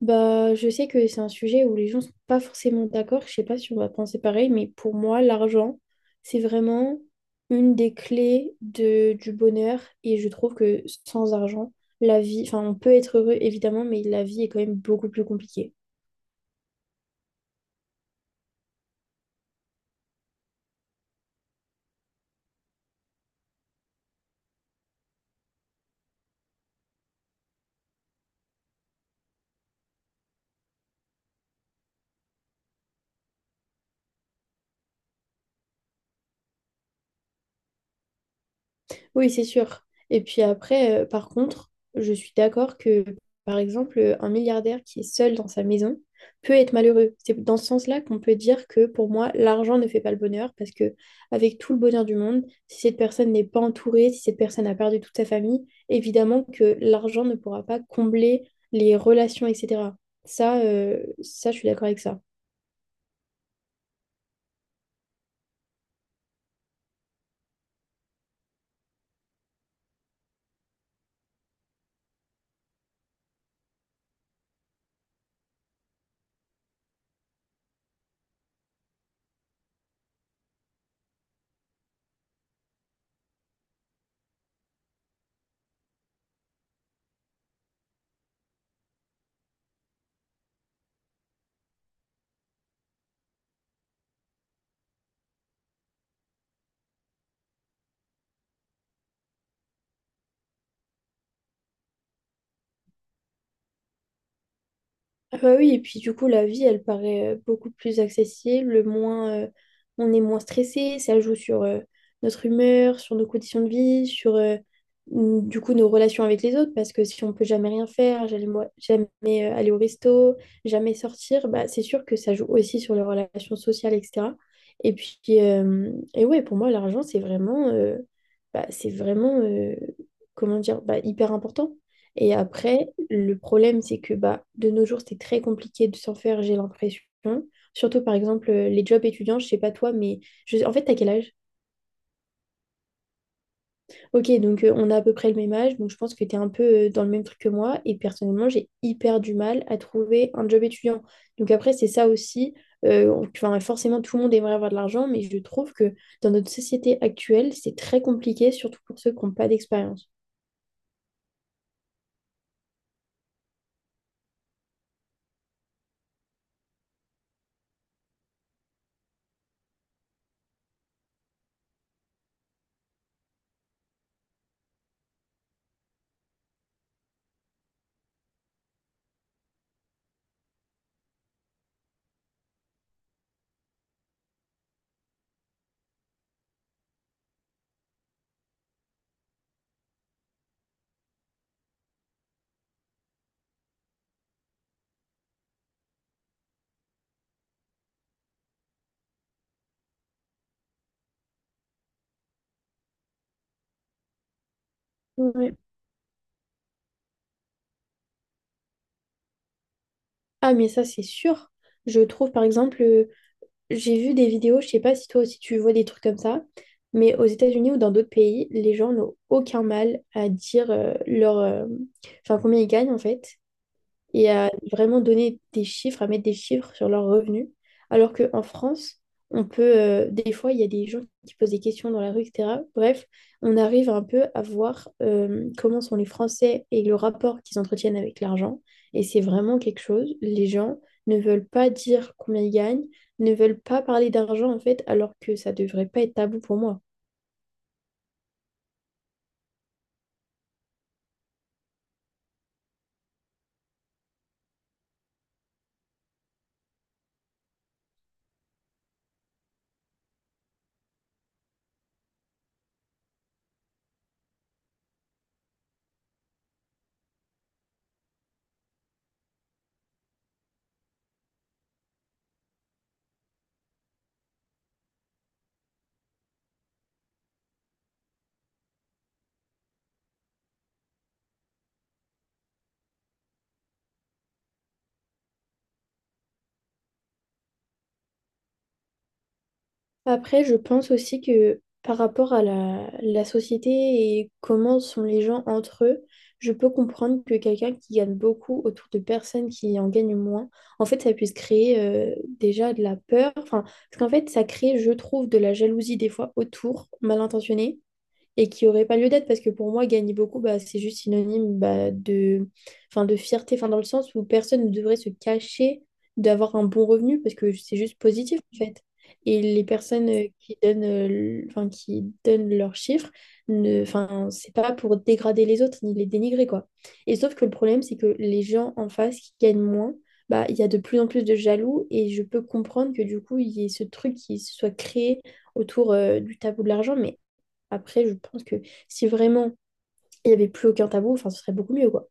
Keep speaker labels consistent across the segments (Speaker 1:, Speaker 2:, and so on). Speaker 1: Bah, je sais que c'est un sujet où les gens sont pas forcément d'accord. Je sais pas si on va penser pareil, mais pour moi, l'argent, c'est vraiment une des clés du bonheur. Et je trouve que sans argent, la vie, enfin, on peut être heureux, évidemment, mais la vie est quand même beaucoup plus compliquée. Oui, c'est sûr. Et puis après, par contre, je suis d'accord que, par exemple, un milliardaire qui est seul dans sa maison peut être malheureux. C'est dans ce sens-là qu'on peut dire que pour moi, l'argent ne fait pas le bonheur parce que avec tout le bonheur du monde, si cette personne n'est pas entourée, si cette personne a perdu toute sa famille, évidemment que l'argent ne pourra pas combler les relations, etc. Ça, je suis d'accord avec ça. Ah bah oui, et puis du coup, la vie, elle paraît beaucoup plus accessible, on est moins stressé, ça joue sur notre humeur, sur nos conditions de vie, sur du coup nos relations avec les autres, parce que si on peut jamais rien faire, jamais, aller au resto, jamais sortir, bah, c'est sûr que ça joue aussi sur les relations sociales, etc. Et puis, et ouais, pour moi, l'argent, bah, comment dire, bah, hyper important. Et après, le problème, c'est que bah, de nos jours, c'est très compliqué de s'en faire, j'ai l'impression. Surtout, par exemple, les jobs étudiants, je sais pas toi, mais en fait, t'as quel âge? Ok, donc on a à peu près le même âge, donc je pense que t'es un peu dans le même truc que moi. Et personnellement, j'ai hyper du mal à trouver un job étudiant. Donc après, c'est ça aussi. Enfin, forcément, tout le monde aimerait avoir de l'argent, mais je trouve que dans notre société actuelle, c'est très compliqué, surtout pour ceux qui n'ont pas d'expérience. Ouais. Ah, mais ça, c'est sûr. Je trouve, par exemple, j'ai vu des vidéos, je sais pas si toi aussi tu vois des trucs comme ça, mais aux États-Unis ou dans d'autres pays, les gens n'ont aucun mal à dire enfin combien ils gagnent en fait et à vraiment donner des chiffres, à mettre des chiffres sur leurs revenus. Alors qu'en France, des fois, il y a des gens qui posent des questions dans la rue, etc. Bref, on arrive un peu à voir comment sont les Français et le rapport qu'ils entretiennent avec l'argent. Et c'est vraiment quelque chose. Les gens ne veulent pas dire combien ils gagnent, ne veulent pas parler d'argent, en fait, alors que ça devrait pas être tabou pour moi. Après, je pense aussi que par rapport à la société et comment sont les gens entre eux, je peux comprendre que quelqu'un qui gagne beaucoup autour de personnes qui en gagnent moins, en fait, ça puisse créer déjà de la peur. Enfin, parce qu'en fait, ça crée, je trouve, de la jalousie des fois autour, mal intentionnée et qui n'aurait pas lieu d'être parce que pour moi, gagner beaucoup, bah, c'est juste synonyme bah, enfin, de fierté, enfin, dans le sens où personne ne devrait se cacher d'avoir un bon revenu parce que c'est juste positif en fait. Et les personnes enfin, qui donnent leurs chiffres, ne, enfin, c'est pas pour dégrader les autres ni les dénigrer quoi. Et sauf que le problème, c'est que les gens en face qui gagnent moins, bah, il y a de plus en plus de jaloux et je peux comprendre que du coup, il y ait ce truc qui se soit créé autour du tabou de l'argent, mais après, je pense que si vraiment il n'y avait plus aucun tabou, enfin, ce serait beaucoup mieux, quoi.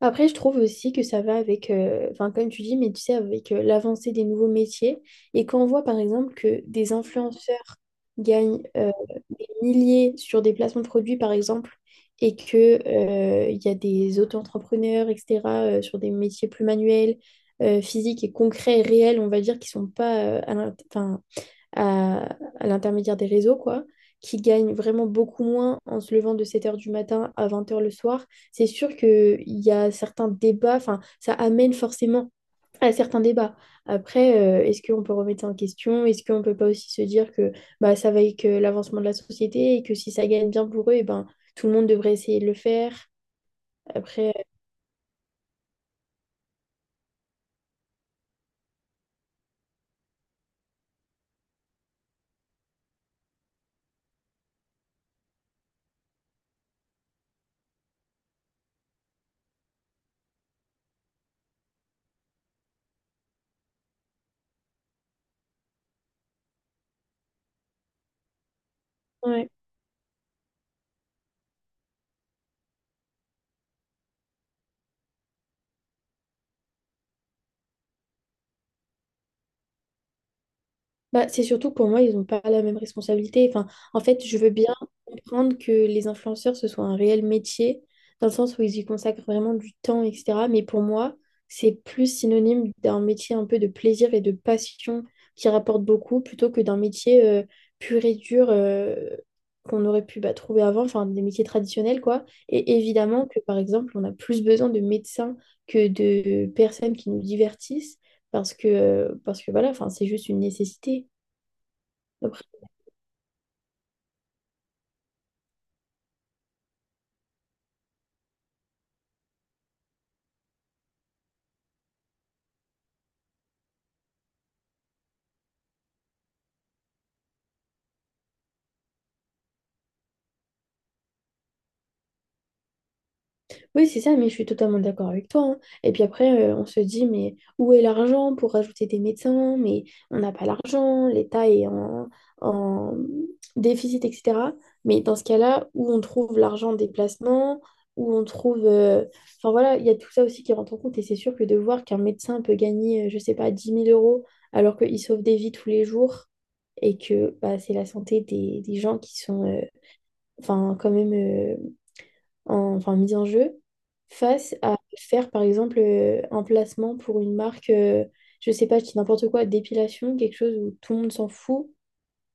Speaker 1: Après, je trouve aussi que ça va avec, enfin, comme tu dis, mais tu sais, avec l'avancée des nouveaux métiers. Et quand on voit, par exemple, que des influenceurs gagnent des milliers sur des placements de produits, par exemple, et que, il y a des auto-entrepreneurs, etc., sur des métiers plus manuels, physiques et concrets et réels, on va dire, qui sont pas à, à l'intermédiaire des réseaux, quoi, qui gagnent vraiment beaucoup moins en se levant de 7 heures du matin à 20 heures le soir, c'est sûr qu'il y a certains débats, enfin, ça amène forcément à certains débats. Après, est-ce qu'on peut remettre ça en question? Est-ce qu'on peut pas aussi se dire que bah, ça va avec l'avancement de la société et que si ça gagne bien pour eux, et ben, tout le monde devrait essayer de le faire? Après, ouais. Bah, c'est surtout que pour moi, ils n'ont pas la même responsabilité. Enfin, en fait, je veux bien comprendre que les influenceurs, ce soit un réel métier, dans le sens où ils y consacrent vraiment du temps, etc. Mais pour moi, c'est plus synonyme d'un métier un peu de plaisir et de passion qui rapporte beaucoup, plutôt que d'un métier pur et dur qu'on aurait pu bah, trouver avant, enfin des métiers traditionnels, quoi. Et évidemment que, par exemple, on a plus besoin de médecins que de personnes qui nous divertissent, parce que voilà, enfin, c'est juste une nécessité. Après- Oui, c'est ça, mais je suis totalement d'accord avec toi. Hein. Et puis après, on se dit, mais où est l'argent pour rajouter des médecins? Mais on n'a pas l'argent, l'État est en déficit, etc. Mais dans ce cas-là, où on trouve l'argent des placements, où on trouve... euh, Enfin voilà, il y a tout ça aussi qui rentre en compte. Et c'est sûr que de voir qu'un médecin peut gagner, je sais pas, 10 000 € alors qu'il sauve des vies tous les jours et que bah, c'est la santé des gens qui sont. Enfin, quand même, enfin mise en jeu, face à faire par exemple un placement pour une marque, je sais pas, je dis n'importe quoi, d'épilation, quelque chose où tout le monde s'en fout.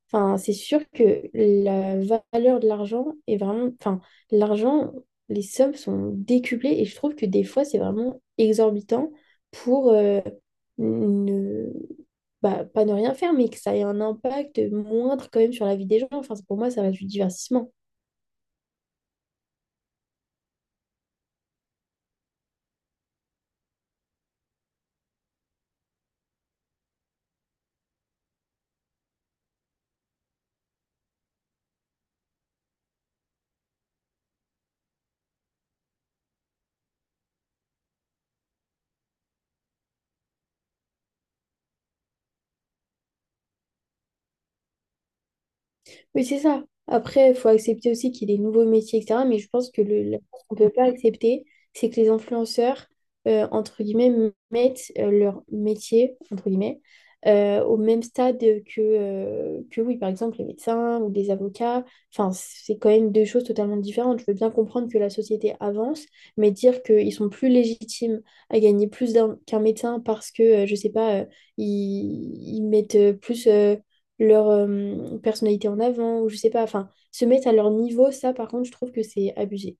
Speaker 1: Enfin, c'est sûr que la valeur de l'argent est vraiment, enfin, l'argent, les sommes sont décuplées et je trouve que des fois c'est vraiment exorbitant pour ne, bah, pas ne rien faire, mais que ça ait un impact moindre quand même sur la vie des gens. Enfin, pour moi, ça reste du divertissement. Oui, c'est ça. Après, il faut accepter aussi qu'il y ait des nouveaux métiers, etc. Mais je pense que la chose qu'on ne peut pas accepter, c'est que les influenceurs, entre guillemets, mettent leur métier, entre guillemets, au même stade que, oui, par exemple, les médecins ou les avocats. Enfin, c'est quand même deux choses totalement différentes. Je veux bien comprendre que la société avance, mais dire qu'ils sont plus légitimes à gagner plus qu'un médecin parce que, je ne sais pas, ils mettent plus... leur personnalité en avant, ou je sais pas, enfin, se mettre à leur niveau, ça par contre, je trouve que c'est abusé.